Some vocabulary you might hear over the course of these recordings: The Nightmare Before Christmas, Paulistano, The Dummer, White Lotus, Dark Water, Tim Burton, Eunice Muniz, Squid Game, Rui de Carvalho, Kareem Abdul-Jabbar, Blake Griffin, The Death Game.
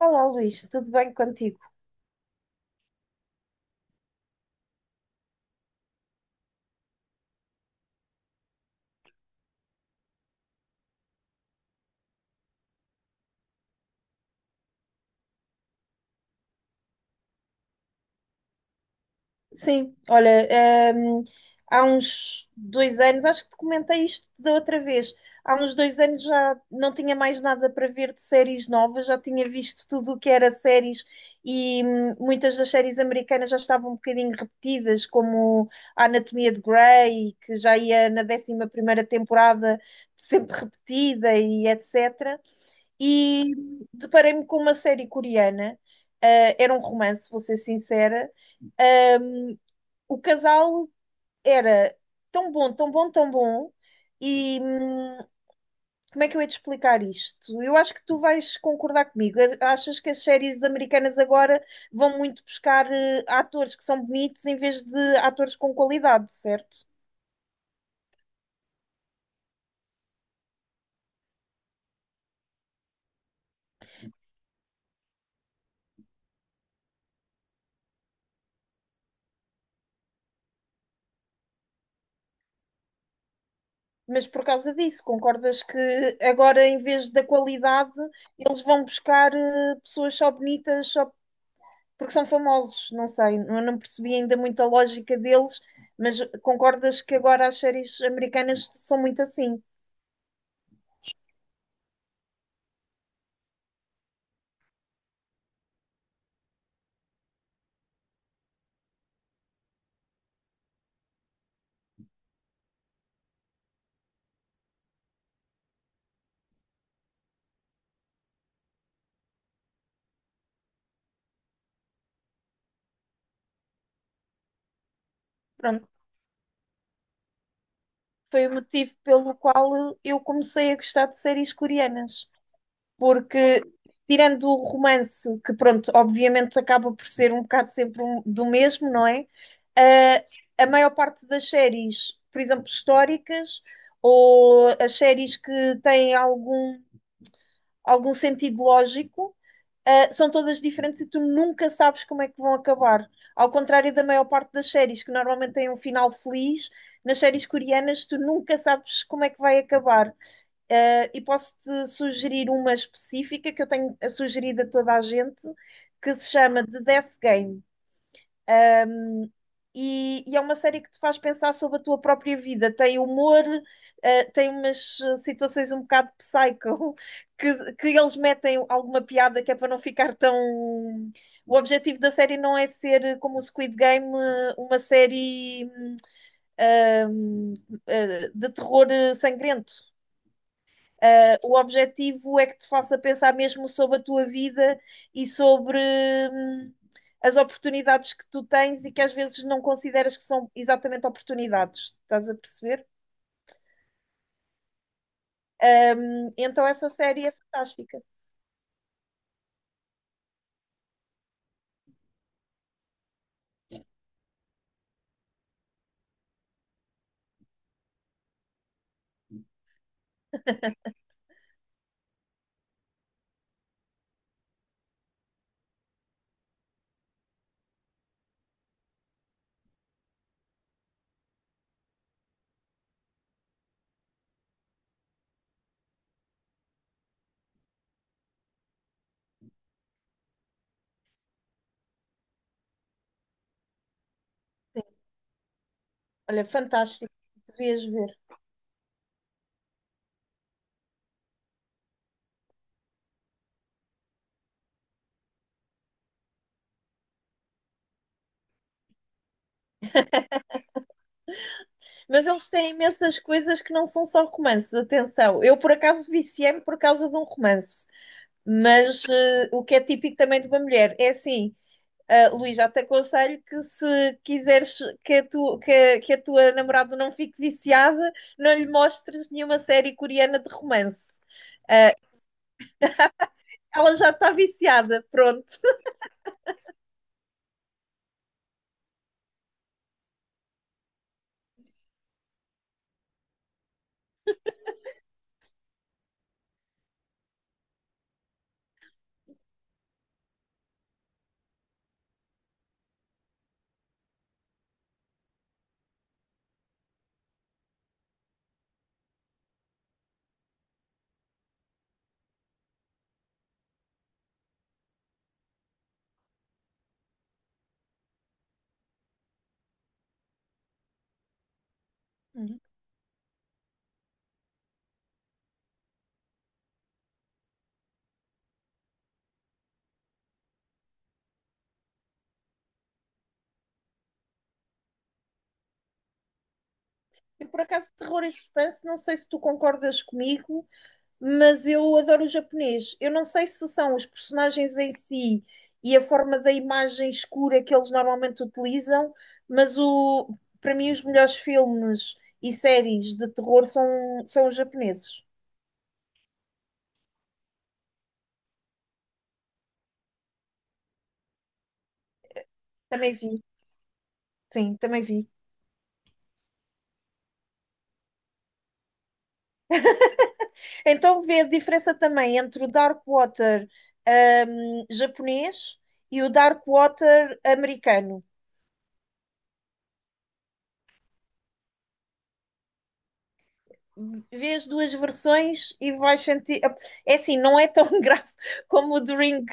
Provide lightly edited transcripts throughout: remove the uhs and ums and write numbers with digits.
Olá, Luís, tudo bem contigo? Sim, olha, há uns 2 anos, acho que te comentei isto da outra vez, há uns 2 anos já não tinha mais nada para ver de séries novas, já tinha visto tudo o que era séries e muitas das séries americanas já estavam um bocadinho repetidas, como a Anatomia de Grey, que já ia na 11.ª temporada, sempre repetida e etc. E deparei-me com uma série coreana, ah, era um romance, vou ser sincera. Ahm, o casal era tão bom, tão bom, tão bom, e como é que eu ia te explicar isto? Eu acho que tu vais concordar comigo. Achas que as séries americanas agora vão muito buscar atores que são bonitos em vez de atores com qualidade, certo? Mas por causa disso, concordas que agora, em vez da qualidade, eles vão buscar pessoas só bonitas só porque são famosos? Não sei, eu não percebi ainda muito a lógica deles, mas concordas que agora as séries americanas são muito assim? Pronto, foi o motivo pelo qual eu comecei a gostar de séries coreanas, porque tirando o romance, que pronto, obviamente acaba por ser um bocado sempre do mesmo, não é? Ah, a maior parte das séries, por exemplo, históricas, ou as séries que têm algum sentido lógico, são todas diferentes e tu nunca sabes como é que vão acabar. Ao contrário da maior parte das séries, que normalmente têm um final feliz, nas séries coreanas tu nunca sabes como é que vai acabar. E posso-te sugerir uma específica que eu tenho sugerido a toda a gente, que se chama The Death Game. E é uma série que te faz pensar sobre a tua própria vida. Tem humor, tem umas situações um bocado psycho, que eles metem alguma piada que é para não ficar tão. O objetivo da série não é ser, como o Squid Game, uma série ah, hum, de terror sangrento. O objetivo é que te faça pensar mesmo sobre a tua vida e sobre as oportunidades que tu tens e que às vezes não consideras que são exatamente oportunidades. Estás a perceber? Então essa série é fantástica. Olha, fantástico, devias ver. Mas eles têm imensas coisas que não são só romances, atenção. Eu, por acaso, viciei-me por causa de um romance, mas o que é típico também de uma mulher é assim: Luís, já te aconselho que se quiseres que a, tu, que a tua namorada não fique viciada, não lhe mostres nenhuma série coreana de romance. Uh, ela já está viciada, pronto. Uhum. E por acaso, terror e suspense, não sei se tu concordas comigo, mas eu adoro o japonês. Eu não sei se são os personagens em si e a forma da imagem escura que eles normalmente utilizam, mas para mim os melhores filmes e séries de terror são, os japoneses. Também vi, sim, também vi. Então vê a diferença também entre o Dark Water japonês e o Dark Water americano. Vê as duas versões e vais sentir. É assim, não é tão grave como o do Ring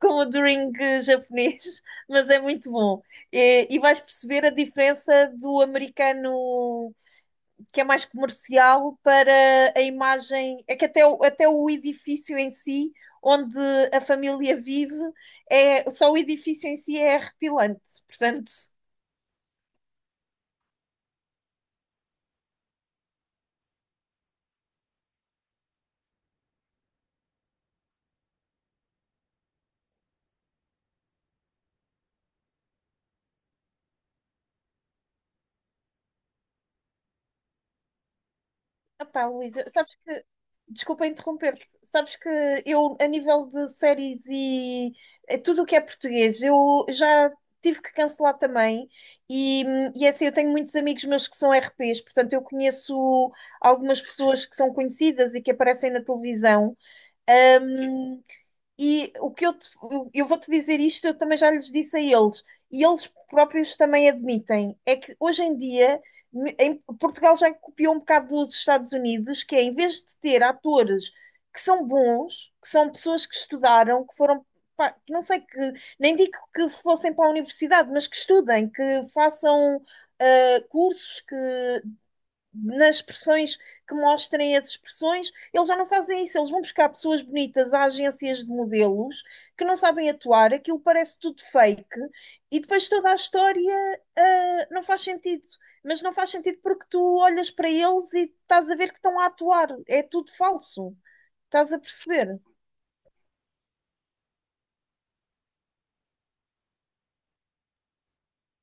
como o drink japonês, mas é muito bom. E vais perceber a diferença do americano que é mais comercial para a imagem. É que até, até o edifício em si, onde a família vive, é, só o edifício em si é arrepilante. Portanto, epá, Luísa, sabes que, desculpa interromper-te, sabes que eu, a nível de séries e tudo o que é português, eu já tive que cancelar também. E é assim, eu tenho muitos amigos meus que são RPs, portanto, eu conheço algumas pessoas que são conhecidas e que aparecem na televisão. Hum, e o que eu vou te dizer isto, eu também já lhes disse a eles, e eles próprios também admitem, é que hoje em dia Portugal já copiou um bocado dos Estados Unidos, que é em vez de ter atores que são bons, que são pessoas que estudaram, que foram, pá, que não sei que, nem digo que fossem para a universidade, mas que estudem, que façam cursos, que nas expressões que mostrem as expressões, eles já não fazem isso, eles vão buscar pessoas bonitas a agências de modelos que não sabem atuar, aquilo parece tudo fake e depois toda a história não faz sentido. Mas não faz sentido porque tu olhas para eles e estás a ver que estão a atuar, é tudo falso. Estás a perceber?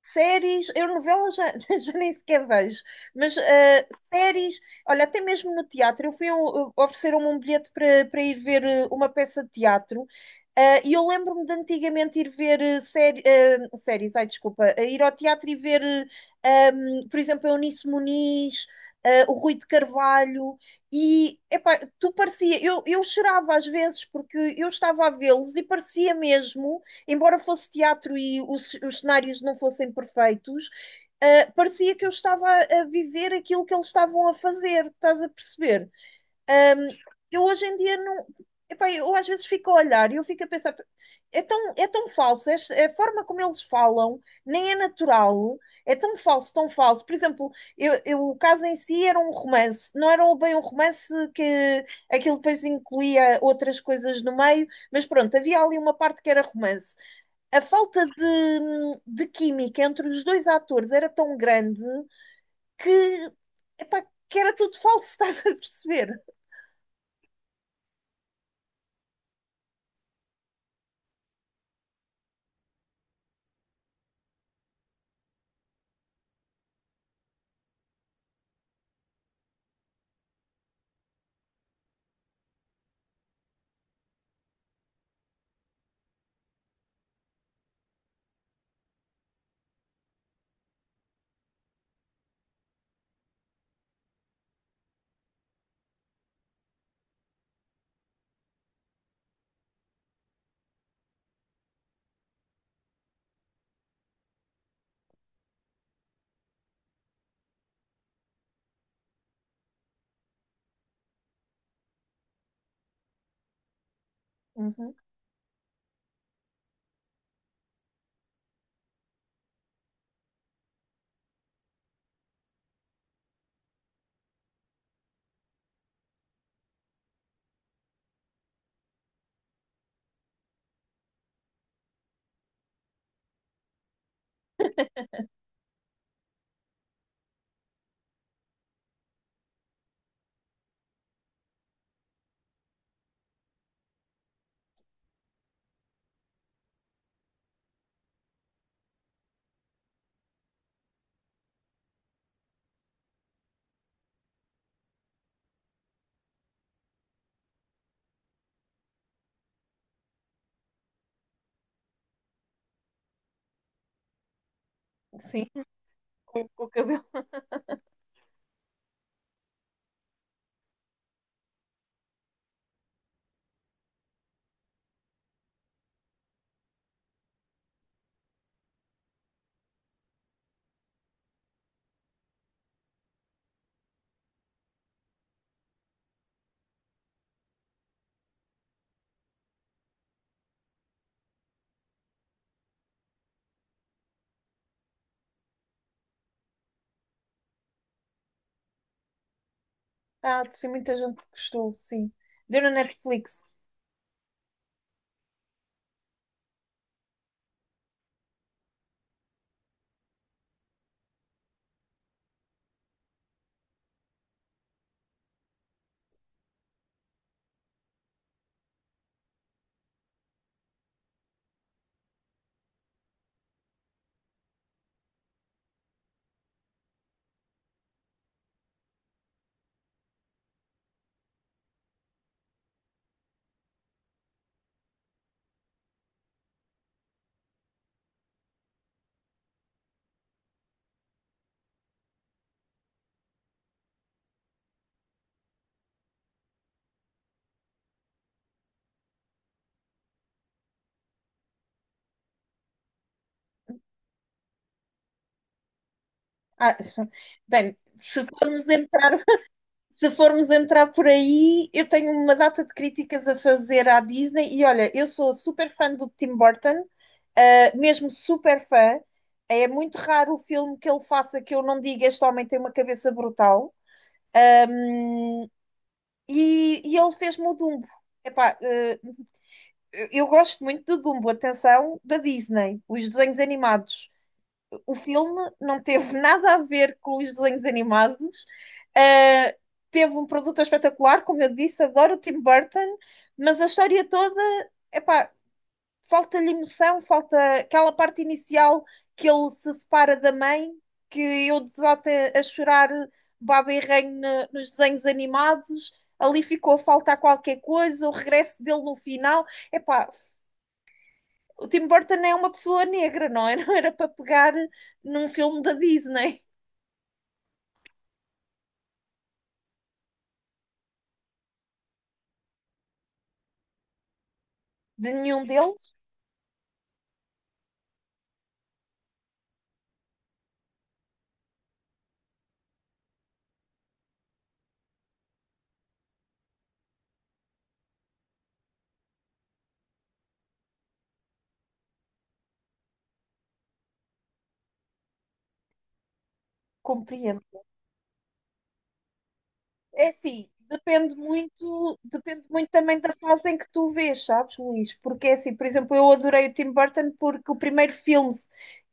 Séries, eu novelas já, já nem sequer vejo, mas séries, olha, até mesmo no teatro, eu fui a ofereceram-me um bilhete para ir ver uma peça de teatro, e eu lembro-me de antigamente ir ver séries, ai desculpa, ir ao teatro e ver, por exemplo, a Eunice Muniz, o Rui de Carvalho, e epá, tu parecia, eu chorava às vezes porque eu estava a vê-los e parecia mesmo embora fosse teatro e os, cenários não fossem perfeitos, parecia que eu estava a viver aquilo que eles estavam a fazer, estás a perceber? Ahm, eu hoje em dia não. Epá, eu às vezes fico a olhar e eu fico a pensar, é tão falso, a forma como eles falam nem é natural, é tão falso, tão falso. Por exemplo, o caso em si era um romance, não era bem um romance que aquilo depois incluía outras coisas no meio, mas pronto, havia ali uma parte que era romance, a falta de química entre os dois atores era tão grande que, epá, que era tudo falso, estás a perceber? Uhum. Sim, com o cabelo. Ah, sim, muita gente gostou, sim. Deu na Netflix. Ah, bem, se formos entrar, se formos entrar por aí, eu tenho uma data de críticas a fazer à Disney e olha, eu sou super fã do Tim Burton, ah, mesmo super fã. É muito raro o filme que ele faça que eu não diga este homem tem uma cabeça brutal. Um, e ele fez-me o Dumbo. Epá, eu gosto muito do Dumbo, atenção, da Disney, os desenhos animados. O filme não teve nada a ver com os desenhos animados. Eh, teve um produto espetacular, como eu disse, adoro o Tim Burton, mas a história toda, epá, falta-lhe emoção, falta aquela parte inicial que ele se separa da mãe, que eu desato a chorar baba e ranho nos desenhos animados. Ali ficou a faltar qualquer coisa, o regresso dele no final. Epá, o Tim Burton é uma pessoa negra, não é? Não era para pegar num filme da Disney. De nenhum deles, compreendo. É assim, depende muito também da fase em que tu vês, sabes, Luís? Porque é assim, por exemplo, eu adorei o Tim Burton porque o primeiro filme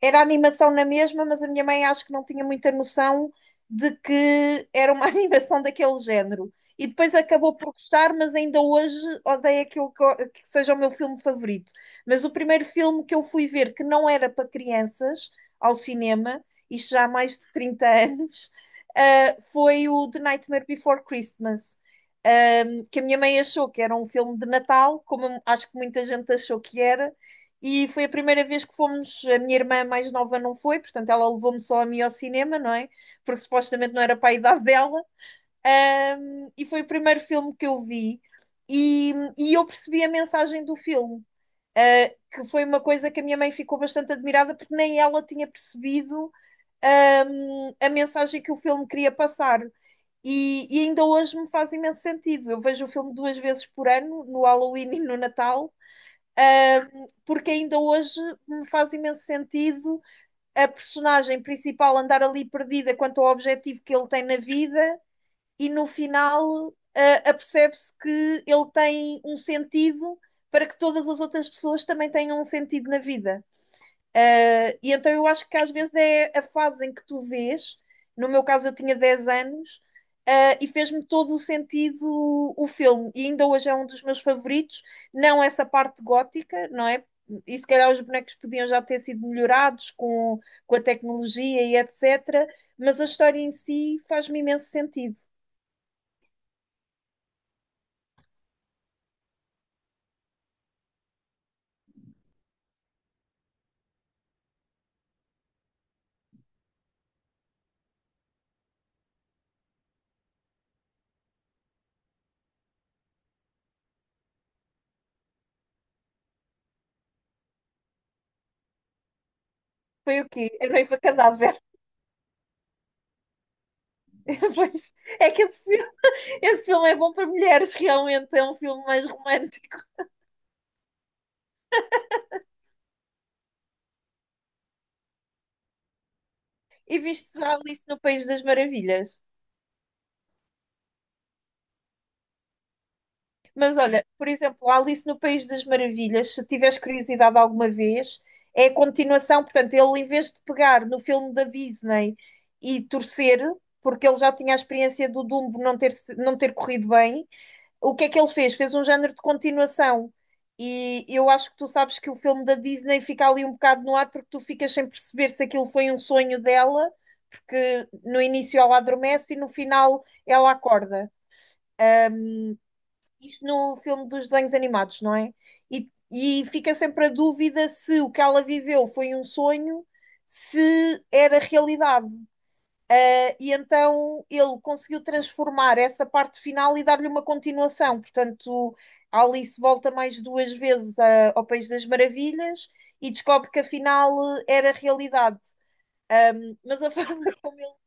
era animação na mesma, mas a minha mãe acho que não tinha muita noção de que era uma animação daquele género. E depois acabou por gostar, mas ainda hoje odeio aquilo que, que seja o meu filme favorito. Mas o primeiro filme que eu fui ver que não era para crianças ao cinema, isto já há mais de 30 anos, foi o The Nightmare Before Christmas, que a minha mãe achou que era um filme de Natal, como acho que muita gente achou que era, e foi a primeira vez que fomos. A minha irmã mais nova não foi, portanto, ela levou-me só a mim ao cinema, não é? Porque supostamente não era para a idade dela. E foi o primeiro filme que eu vi, e eu percebi a mensagem do filme. Que foi uma coisa que a minha mãe ficou bastante admirada porque nem ela tinha percebido a mensagem que o filme queria passar. E ainda hoje me faz imenso sentido. Eu vejo o filme duas vezes por ano, no Halloween e no Natal, porque ainda hoje me faz imenso sentido a personagem principal andar ali perdida quanto ao objetivo que ele tem na vida e no final, apercebe-se que ele tem um sentido para que todas as outras pessoas também tenham um sentido na vida. Ah, e então eu acho que às vezes é a fase em que tu vês, no meu caso eu tinha 10 anos, e fez-me todo o sentido o filme, e ainda hoje é um dos meus favoritos, não essa parte gótica, não é? E se calhar os bonecos podiam já ter sido melhorados com, a tecnologia e etc., mas a história em si faz-me imenso sentido. Foi o quê? A noiva casada, Vera. Pois, é que esse filme é bom para mulheres, realmente. É um filme mais romântico. E viste a Alice no País das Maravilhas. Mas olha, por exemplo, a Alice no País das Maravilhas, se tiveres curiosidade alguma vez, é a continuação. Portanto, ele, em vez de pegar no filme da Disney e torcer, porque ele já tinha a experiência do Dumbo não ter, não ter corrido bem, o que é que ele fez? Fez um género de continuação. E eu acho que tu sabes que o filme da Disney fica ali um bocado no ar porque tu ficas sem perceber se aquilo foi um sonho dela, porque no início ela adormece e no final ela acorda. Isto no filme dos desenhos animados, não é? E fica sempre a dúvida se o que ela viveu foi um sonho, se era realidade. E então ele conseguiu transformar essa parte final e dar-lhe uma continuação. Portanto, a Alice volta mais duas vezes ao País das Maravilhas e descobre que afinal era realidade. Mas a forma como ele.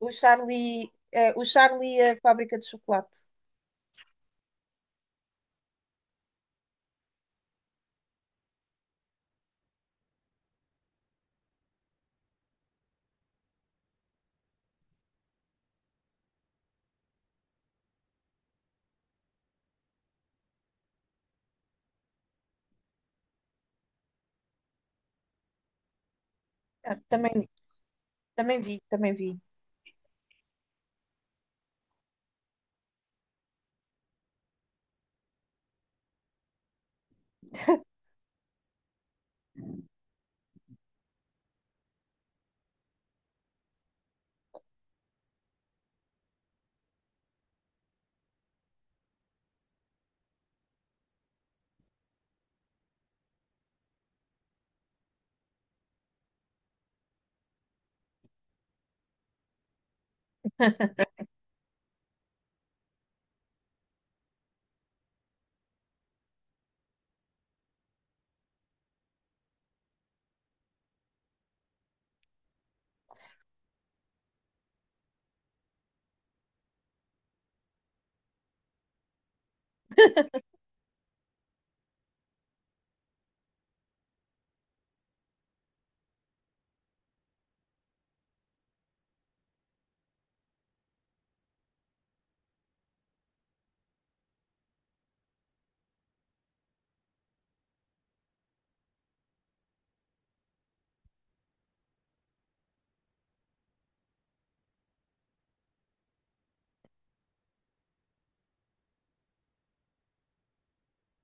O Charlie e a Fábrica de Chocolate. Ah, também, também vi, também vi.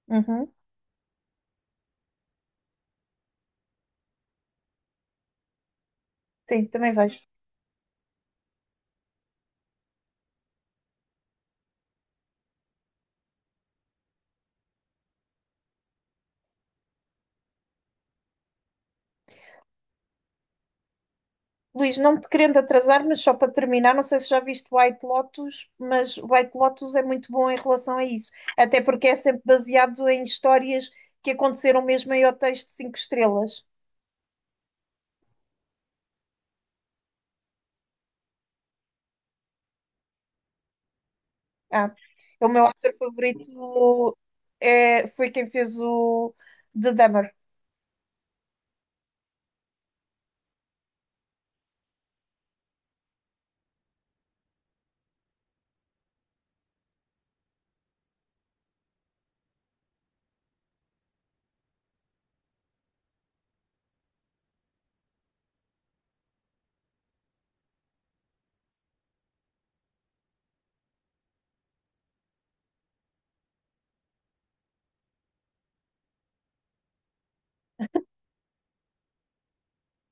Uhum. Sim, também vejo. Luís, não te querendo atrasar, mas só para terminar, não sei se já viste White Lotus, mas White Lotus é muito bom em relação a isso, até porque é sempre baseado em histórias que aconteceram mesmo em hotéis de 5 estrelas. Ah, é o meu ator favorito foi quem fez o The Dummer.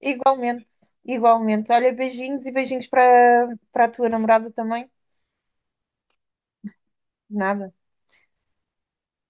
Igualmente, igualmente. Olha, beijinhos e beijinhos para a tua namorada também. Nada.